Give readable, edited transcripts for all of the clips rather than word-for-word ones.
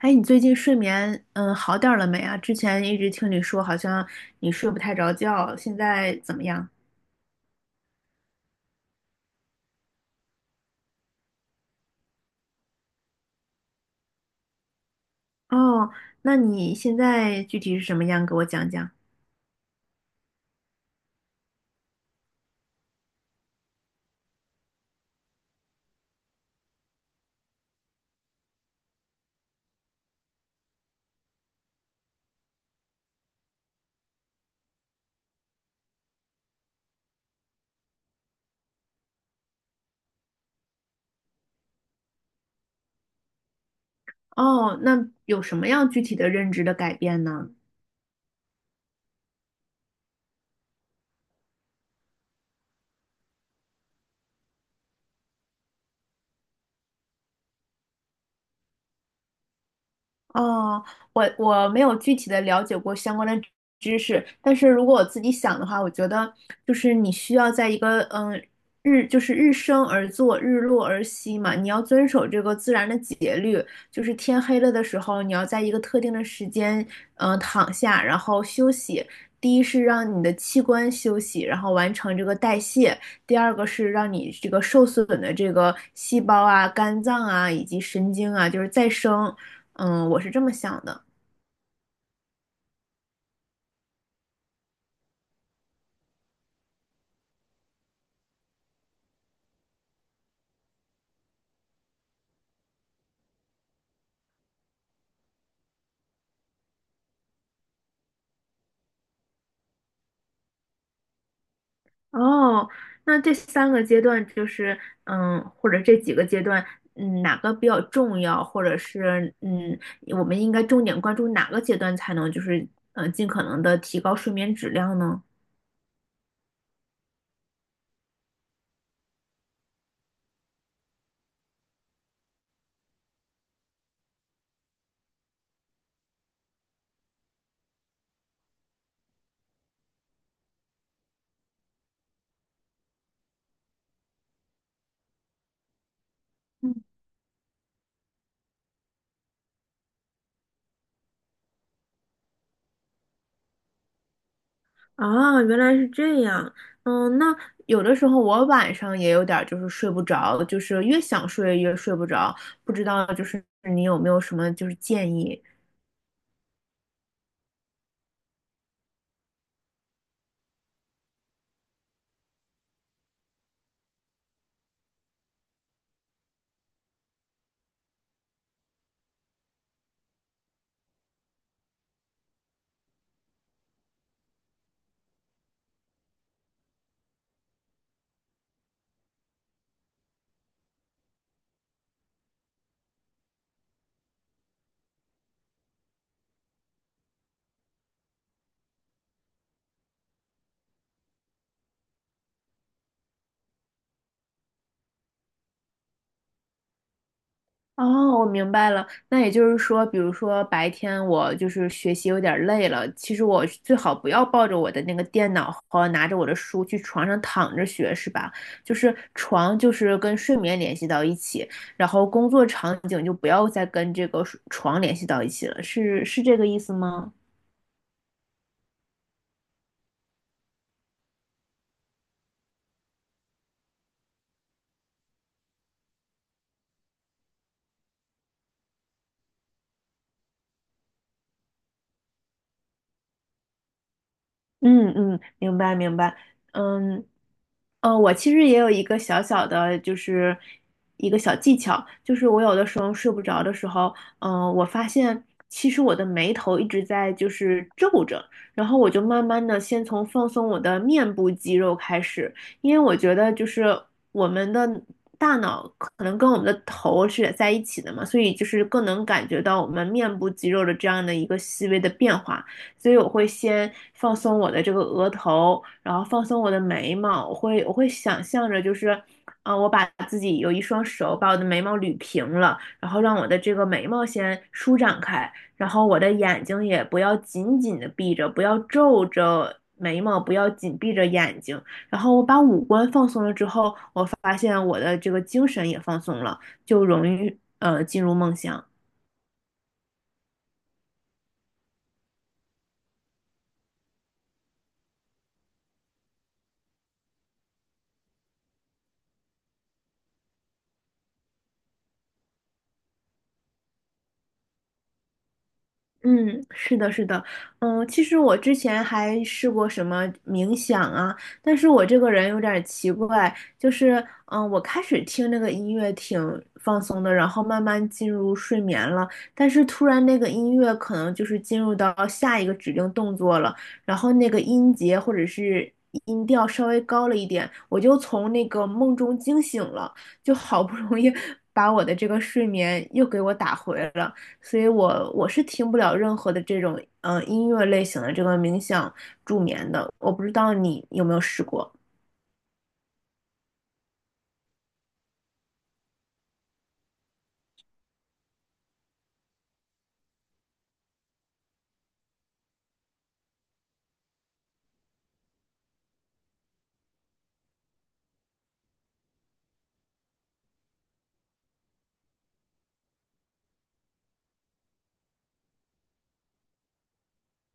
哎，你最近睡眠好点儿了没啊？之前一直听你说好像你睡不太着觉，现在怎么样？哦，那你现在具体是什么样？给我讲讲。哦，那有什么样具体的认知的改变呢？哦，我没有具体的了解过相关的知识，但是如果我自己想的话，我觉得就是你需要在一个就是日升而作，日落而息嘛，你要遵守这个自然的节律，就是天黑了的时候，你要在一个特定的时间躺下，然后休息。第一是让你的器官休息，然后完成这个代谢；第二个是让你这个受损的这个细胞啊、肝脏啊以及神经啊，就是再生。嗯，我是这么想的。哦，那这三个阶段就是，或者这几个阶段，哪个比较重要，或者是，我们应该重点关注哪个阶段才能，就是，尽可能的提高睡眠质量呢？嗯啊，原来是这样。那有的时候我晚上也有点儿就是睡不着，就是越想睡越睡不着，不知道就是你有没有什么就是建议？哦，我明白了。那也就是说，比如说白天我就是学习有点儿累了，其实我最好不要抱着我的那个电脑和拿着我的书去床上躺着学，是吧？就是床就是跟睡眠联系到一起，然后工作场景就不要再跟这个睡床联系到一起了，是这个意思吗？嗯嗯，明白明白，嗯，我其实也有一个小小的，就是一个小技巧，就是我有的时候睡不着的时候，我发现其实我的眉头一直在就是皱着，然后我就慢慢的先从放松我的面部肌肉开始，因为我觉得就是我们的大脑可能跟我们的头是在一起的嘛，所以就是更能感觉到我们面部肌肉的这样的一个细微的变化。所以我会先放松我的这个额头，然后放松我的眉毛，我会想象着就是，啊、我把自己有一双手把我的眉毛捋平了，然后让我的这个眉毛先舒展开，然后我的眼睛也不要紧紧的闭着，不要皱着眉毛，不要紧闭着眼睛，然后我把五官放松了之后，我发现我的这个精神也放松了，就容易进入梦乡。嗯，是的，是的，其实我之前还试过什么冥想啊，但是我这个人有点儿奇怪，就是，我开始听那个音乐挺放松的，然后慢慢进入睡眠了，但是突然那个音乐可能就是进入到下一个指令动作了，然后那个音节或者是音调稍微高了一点，我就从那个梦中惊醒了，就好不容易 把我的这个睡眠又给我打回了。所以我是听不了任何的这种音乐类型的这个冥想助眠的，我不知道你有没有试过。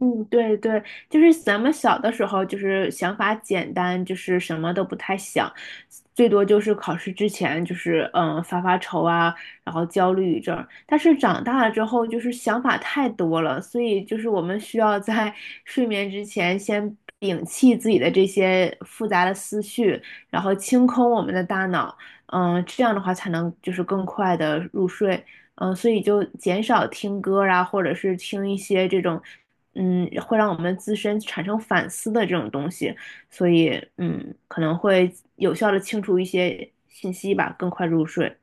嗯，对对，就是咱们小的时候，就是想法简单，就是什么都不太想，最多就是考试之前，就是发发愁啊，然后焦虑一阵儿。但是长大了之后，就是想法太多了，所以就是我们需要在 睡眠之前先摒弃自己的这些复杂的思绪，然后清空我们的大脑，这样的话才能就是更快的入睡。所以就减少听歌啊，或者是听一些这种会让我们自身产生反思的这种东西，所以可能会有效的清除一些信息吧，更快入睡。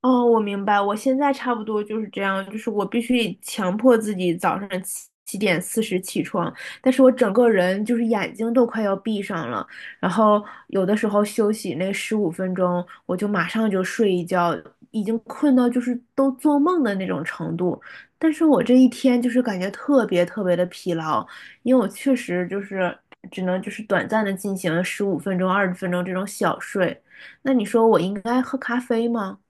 哦，我明白，我现在差不多就是这样，就是我必须强迫自己早上七:40起床，但是我整个人就是眼睛都快要闭上了，然后有的时候休息那十五分钟，我就马上就睡一觉，已经困到就是都做梦的那种程度，但是我这一天就是感觉特别特别的疲劳，因为我确实就是只能就是短暂的进行十五分钟、20分钟这种小睡，那你说我应该喝咖啡吗？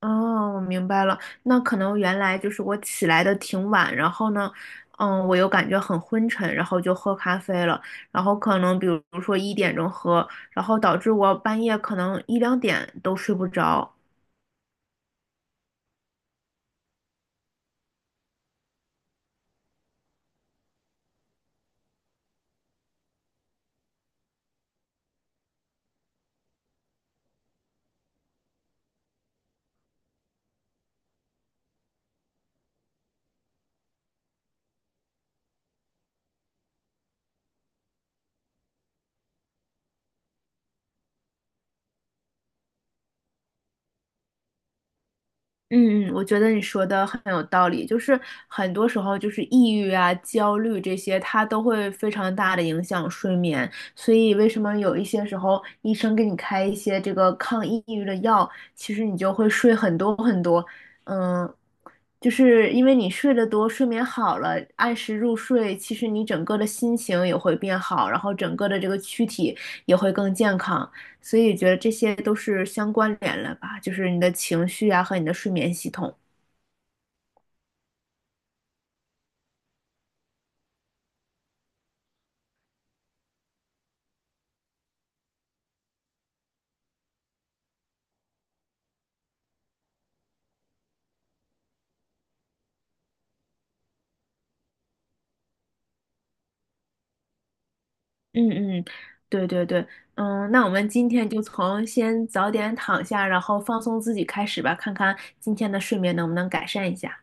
哦，我明白了。那可能原来就是我起来的挺晚，然后呢，我又感觉很昏沉，然后就喝咖啡了。然后可能比如说一点钟喝，然后导致我半夜可能一两点都睡不着。嗯嗯，我觉得你说的很有道理，就是很多时候就是抑郁啊、焦虑这些，它都会非常大的影响睡眠。所以为什么有一些时候医生给你开一些这个抗抑郁的药，其实你就会睡很多很多，嗯，就是因为你睡得多，睡眠好了，按时入睡，其实你整个的心情也会变好，然后整个的这个躯体也会更健康。所以觉得这些都是相关联了吧，就是你的情绪啊和你的睡眠系统。嗯嗯，对对对，那我们今天就从先早点躺下，然后放松自己开始吧，看看今天的睡眠能不能改善一下。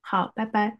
好，拜拜。